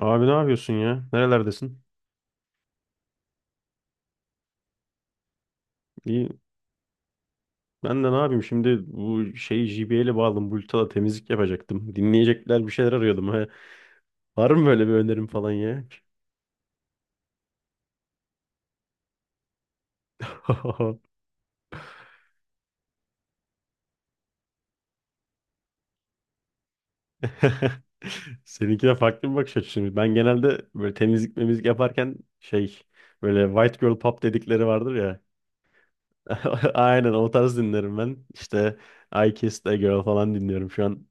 Abi ne yapıyorsun ya? Nerelerdesin? İyi. Ben de ne yapayım şimdi bu şeyi JBL'e bağladım. Bulut'a temizlik yapacaktım. Dinleyecekler bir şeyler arıyordum. He. Var mı böyle bir önerim falan ya? Seninki de farklı bir bakış açısı. Ben genelde böyle temizlik memizlik yaparken şey, böyle white girl pop dedikleri vardır ya. Aynen o tarz dinlerim ben. İşte I Kissed a Girl falan dinliyorum şu an.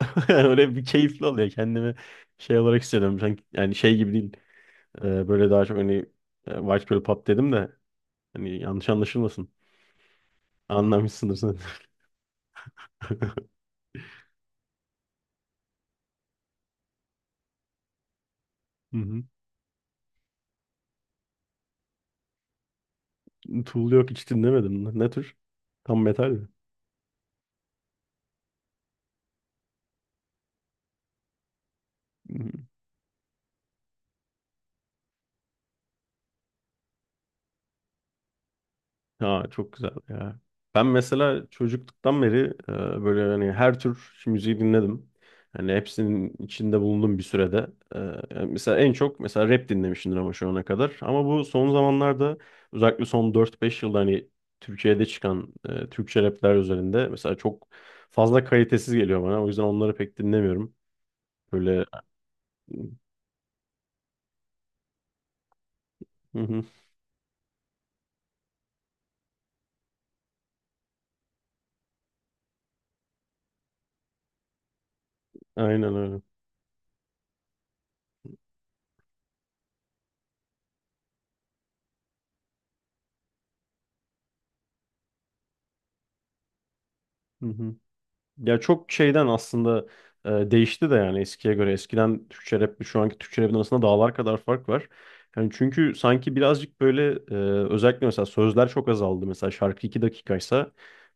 Öyle bir keyifli oluyor, kendimi şey olarak hissediyorum. Yani şey gibi değil. Böyle daha çok hani, White Girl Pop dedim de, hani yanlış anlaşılmasın. Anlamışsındır sen. Hı hı. Tool, yok hiç dinlemedim. Ne tür? Tam metal mi? Ya çok güzel ya. Ben mesela çocukluktan beri böyle hani her tür müziği dinledim. Hani hepsinin içinde bulundum bir sürede. E, Yani mesela en çok mesela rap dinlemişimdir ama şu ana kadar. Ama bu son zamanlarda, özellikle son 4-5 yılda hani Türkiye'de çıkan Türkçe rapler üzerinde mesela çok fazla kalitesiz geliyor bana. O yüzden onları pek dinlemiyorum. Böyle. Hı hı. Aynen öyle. Hı hı. Ya çok şeyden aslında değişti de, yani eskiye göre. Eskiden Türkçe rap şu anki Türkçe rapin arasında dağlar kadar fark var. Yani çünkü sanki birazcık böyle, özellikle mesela sözler çok azaldı. Mesela şarkı 2 dakikaysa,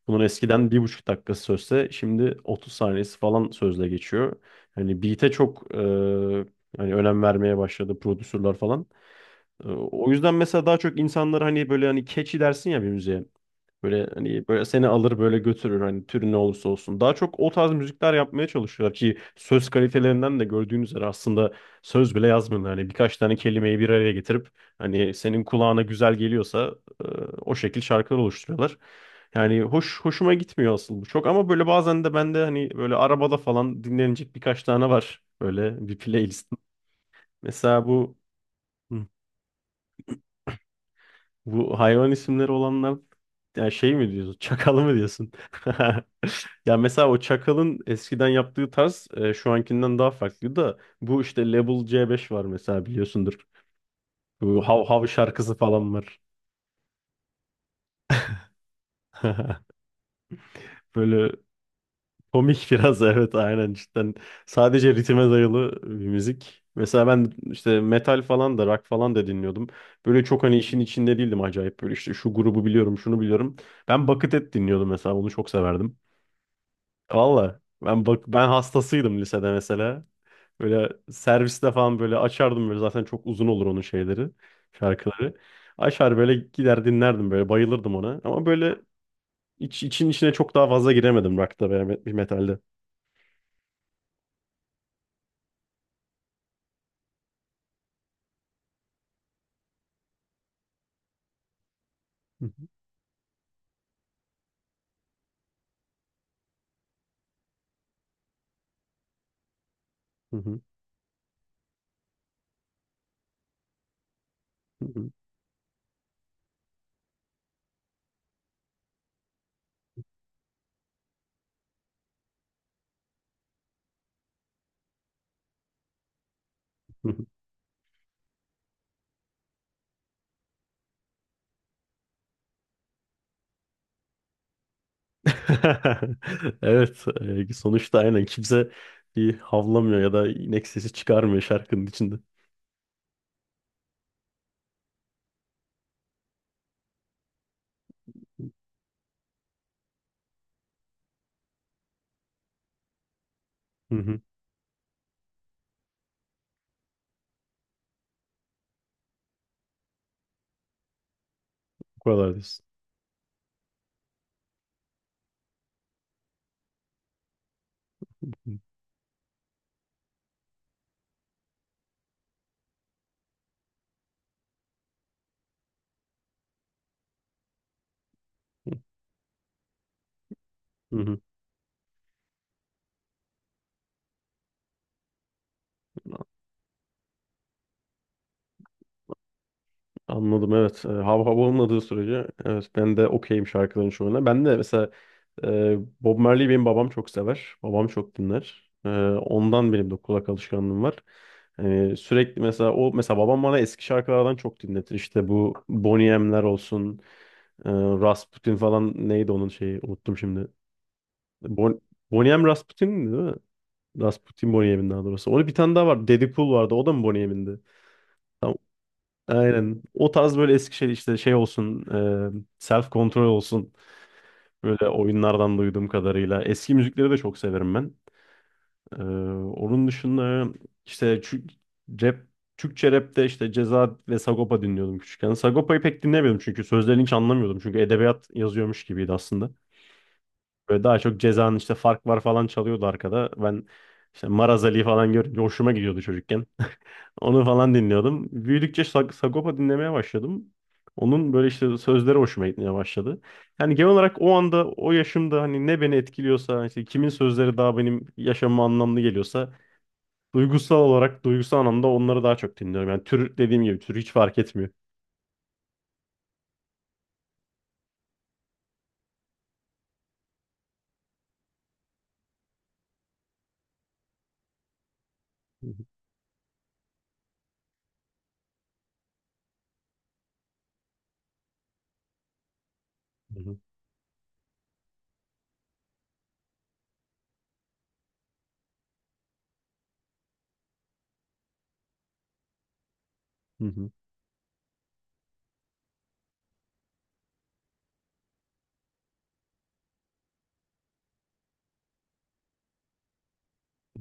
bunun eskiden 1,5 dakikası sözse, şimdi 30 saniyesi falan sözle geçiyor. Hani beat'e çok, hani önem vermeye başladı prodüsörler falan. O yüzden mesela daha çok insanlar hani böyle hani catchy dersin ya bir müziğe. Böyle hani böyle seni alır böyle götürür, hani türü ne olursa olsun. Daha çok o tarz müzikler yapmaya çalışıyorlar ki, söz kalitelerinden de gördüğünüz üzere, aslında söz bile yazmıyorlar. Hani birkaç tane kelimeyi bir araya getirip, hani senin kulağına güzel geliyorsa, e, o şekil şarkılar oluşturuyorlar. Yani hoş, hoşuma gitmiyor asıl bu çok, ama böyle bazen de bende hani böyle arabada falan dinlenecek birkaç tane var, böyle bir playlist. Mesela bu, Hı. Bu hayvan isimleri olanlar, yani şey mi diyorsun? Çakalı mı diyorsun? Ya mesela o Çakal'ın eskiden yaptığı tarz, şu ankinden daha farklı da, bu işte Level C5 var mesela, biliyorsundur. Bu Hav Hav şarkısı falan var. Böyle komik biraz. Evet, aynen, cidden. Sadece ritme dayalı bir müzik. Mesela ben işte metal falan da, rock falan da dinliyordum. Böyle çok hani işin içinde değildim acayip, böyle işte şu grubu biliyorum, şunu biliyorum. Ben Buckethead dinliyordum mesela, onu çok severdim. Valla ben, bak, ben hastasıydım lisede mesela. Böyle serviste falan böyle açardım, böyle zaten çok uzun olur onun şeyleri, şarkıları. Açar böyle gider dinlerdim, böyle bayılırdım ona. Ama böyle için içine çok daha fazla giremedim rock'ta veya metalde. Hı hı, hı hı, hı hı. Evet, sonuçta aynen kimse bir havlamıyor ya da inek sesi çıkarmıyor şarkının içinde. Hı hı, bu kadar diyorsun. Hı hı. Anladım, evet. Hav Hav olmadığı sürece, evet, ben de okeyim şarkıların çoğuna. Ben de mesela, Bob Marley, benim babam çok sever. Babam çok dinler. Ondan benim de kulak alışkanlığım var. Sürekli mesela, o mesela babam bana eski şarkılardan çok dinletir. İşte bu Boney M'ler olsun. E, Rasputin falan, neydi onun şeyi, unuttum şimdi. Bon Boney M Rasputin değil mi? Rasputin Boney M'in, daha doğrusu. Onun bir tane daha var. Daddy Cool vardı. O da mı Boney M'indi? Aynen. O tarz böyle, Eskişehir işte şey olsun, self kontrol olsun. Böyle oyunlardan duyduğum kadarıyla. Eski müzikleri de çok severim ben. E, Onun dışında işte rap, Türkçe rapte işte Ceza ve Sagopa dinliyordum küçükken. Sagopa'yı pek dinlemiyordum çünkü sözlerini hiç anlamıyordum. Çünkü edebiyat yazıyormuş gibiydi aslında. Böyle daha çok Ceza'nın işte Fark Var falan çalıyordu arkada. Ben işte Maraz Ali falan görünce hoşuma gidiyordu çocukken. Onu falan dinliyordum. Büyüdükçe Sagopa dinlemeye başladım. Onun böyle işte sözleri hoşuma gitmeye başladı. Yani genel olarak, o anda, o yaşımda hani ne beni etkiliyorsa, işte kimin sözleri daha benim yaşamıma anlamlı geliyorsa, duygusal olarak, duygusal anlamda onları daha çok dinliyorum. Yani tür, dediğim gibi tür hiç fark etmiyor. Hı hı, hı hı, hı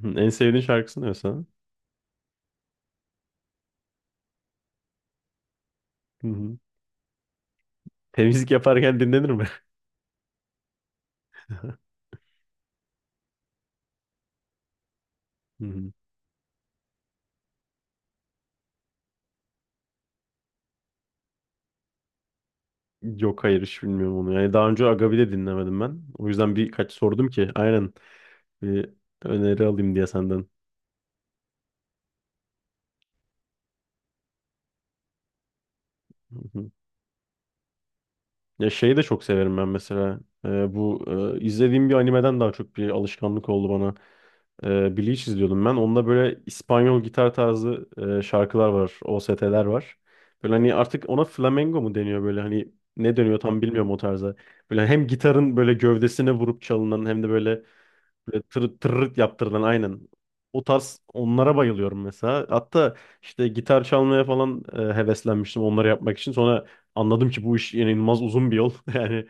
hı. En sevdiğin şarkısı ne mesela? Hı hı. Temizlik yaparken dinlenir mi? Hı hı. Yok, hayır, hiç bilmiyorum onu. Yani daha önce Agabi'de dinlemedim ben. O yüzden birkaç sordum ki, aynen, bir öneri alayım diye senden. Hı hı. Ya, şeyi de çok severim ben mesela. Bu, izlediğim bir animeden daha çok bir alışkanlık oldu bana. Bleach izliyordum ben. Onda böyle İspanyol gitar tarzı, şarkılar var. OST'ler var. Böyle hani artık ona flamenco mu deniyor, böyle hani ne dönüyor tam bilmiyorum o tarza. Böyle hem gitarın böyle gövdesine vurup çalınan, hem de böyle, böyle tırıt tırırt yaptırılan, aynen. O tarz, onlara bayılıyorum mesela. Hatta işte gitar çalmaya falan heveslenmiştim onları yapmak için. Sonra anladım ki bu iş inanılmaz uzun bir yol. Yani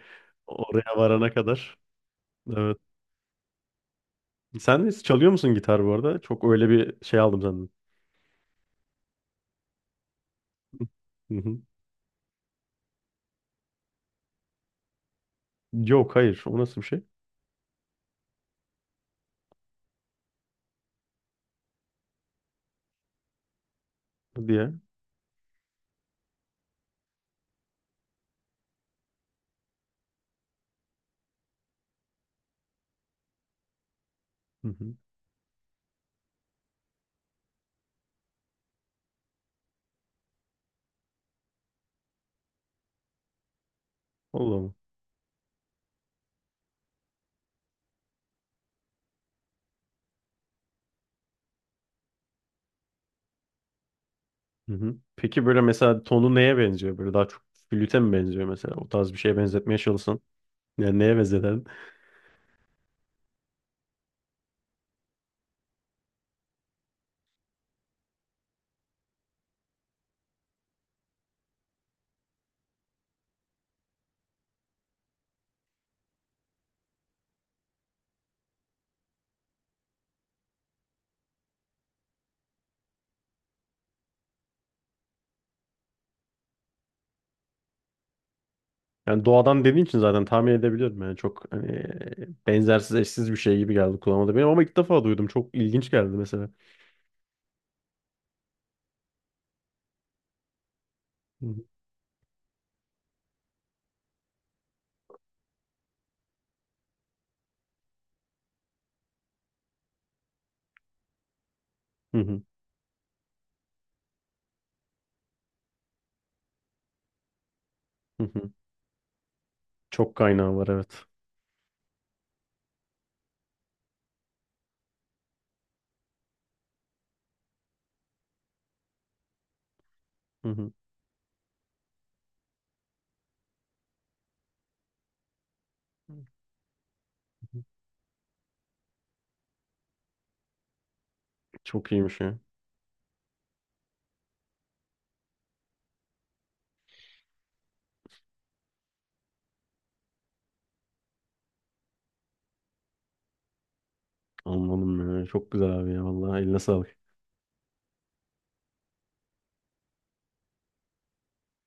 oraya varana kadar. Evet. Sen de çalıyor musun gitar bu arada? Çok öyle bir şey aldım senden. Hı hı. Yok, hayır. O nasıl bir şey? Hadi ya. Hı hı. Allah Allah. Hı hı. Peki böyle mesela tonu neye benziyor? Böyle daha çok flüte mi benziyor mesela? O tarz bir şeye benzetmeye çalışsan. Yani neye benzer? Yani doğadan dediğin için zaten tahmin edebiliyorum. Yani çok hani, benzersiz, eşsiz bir şey gibi geldi kulağıma da benim, ama ilk defa duydum. Çok ilginç geldi mesela. Hı hı. Hı hı. Hı hı. Çok kaynağı var, evet. Hı hı. Çok iyiymiş ya. Anladım ya. Çok güzel abi ya, vallahi eline sağlık.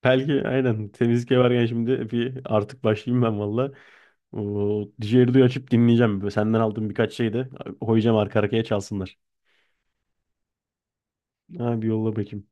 Belki aynen, temizlik varken şimdi bir artık başlayayım ben valla. O Dijerdu'yu açıp dinleyeceğim. Böyle senden aldığım birkaç şeyi de koyacağım, arka arkaya çalsınlar. Ha, bir yolla bakayım.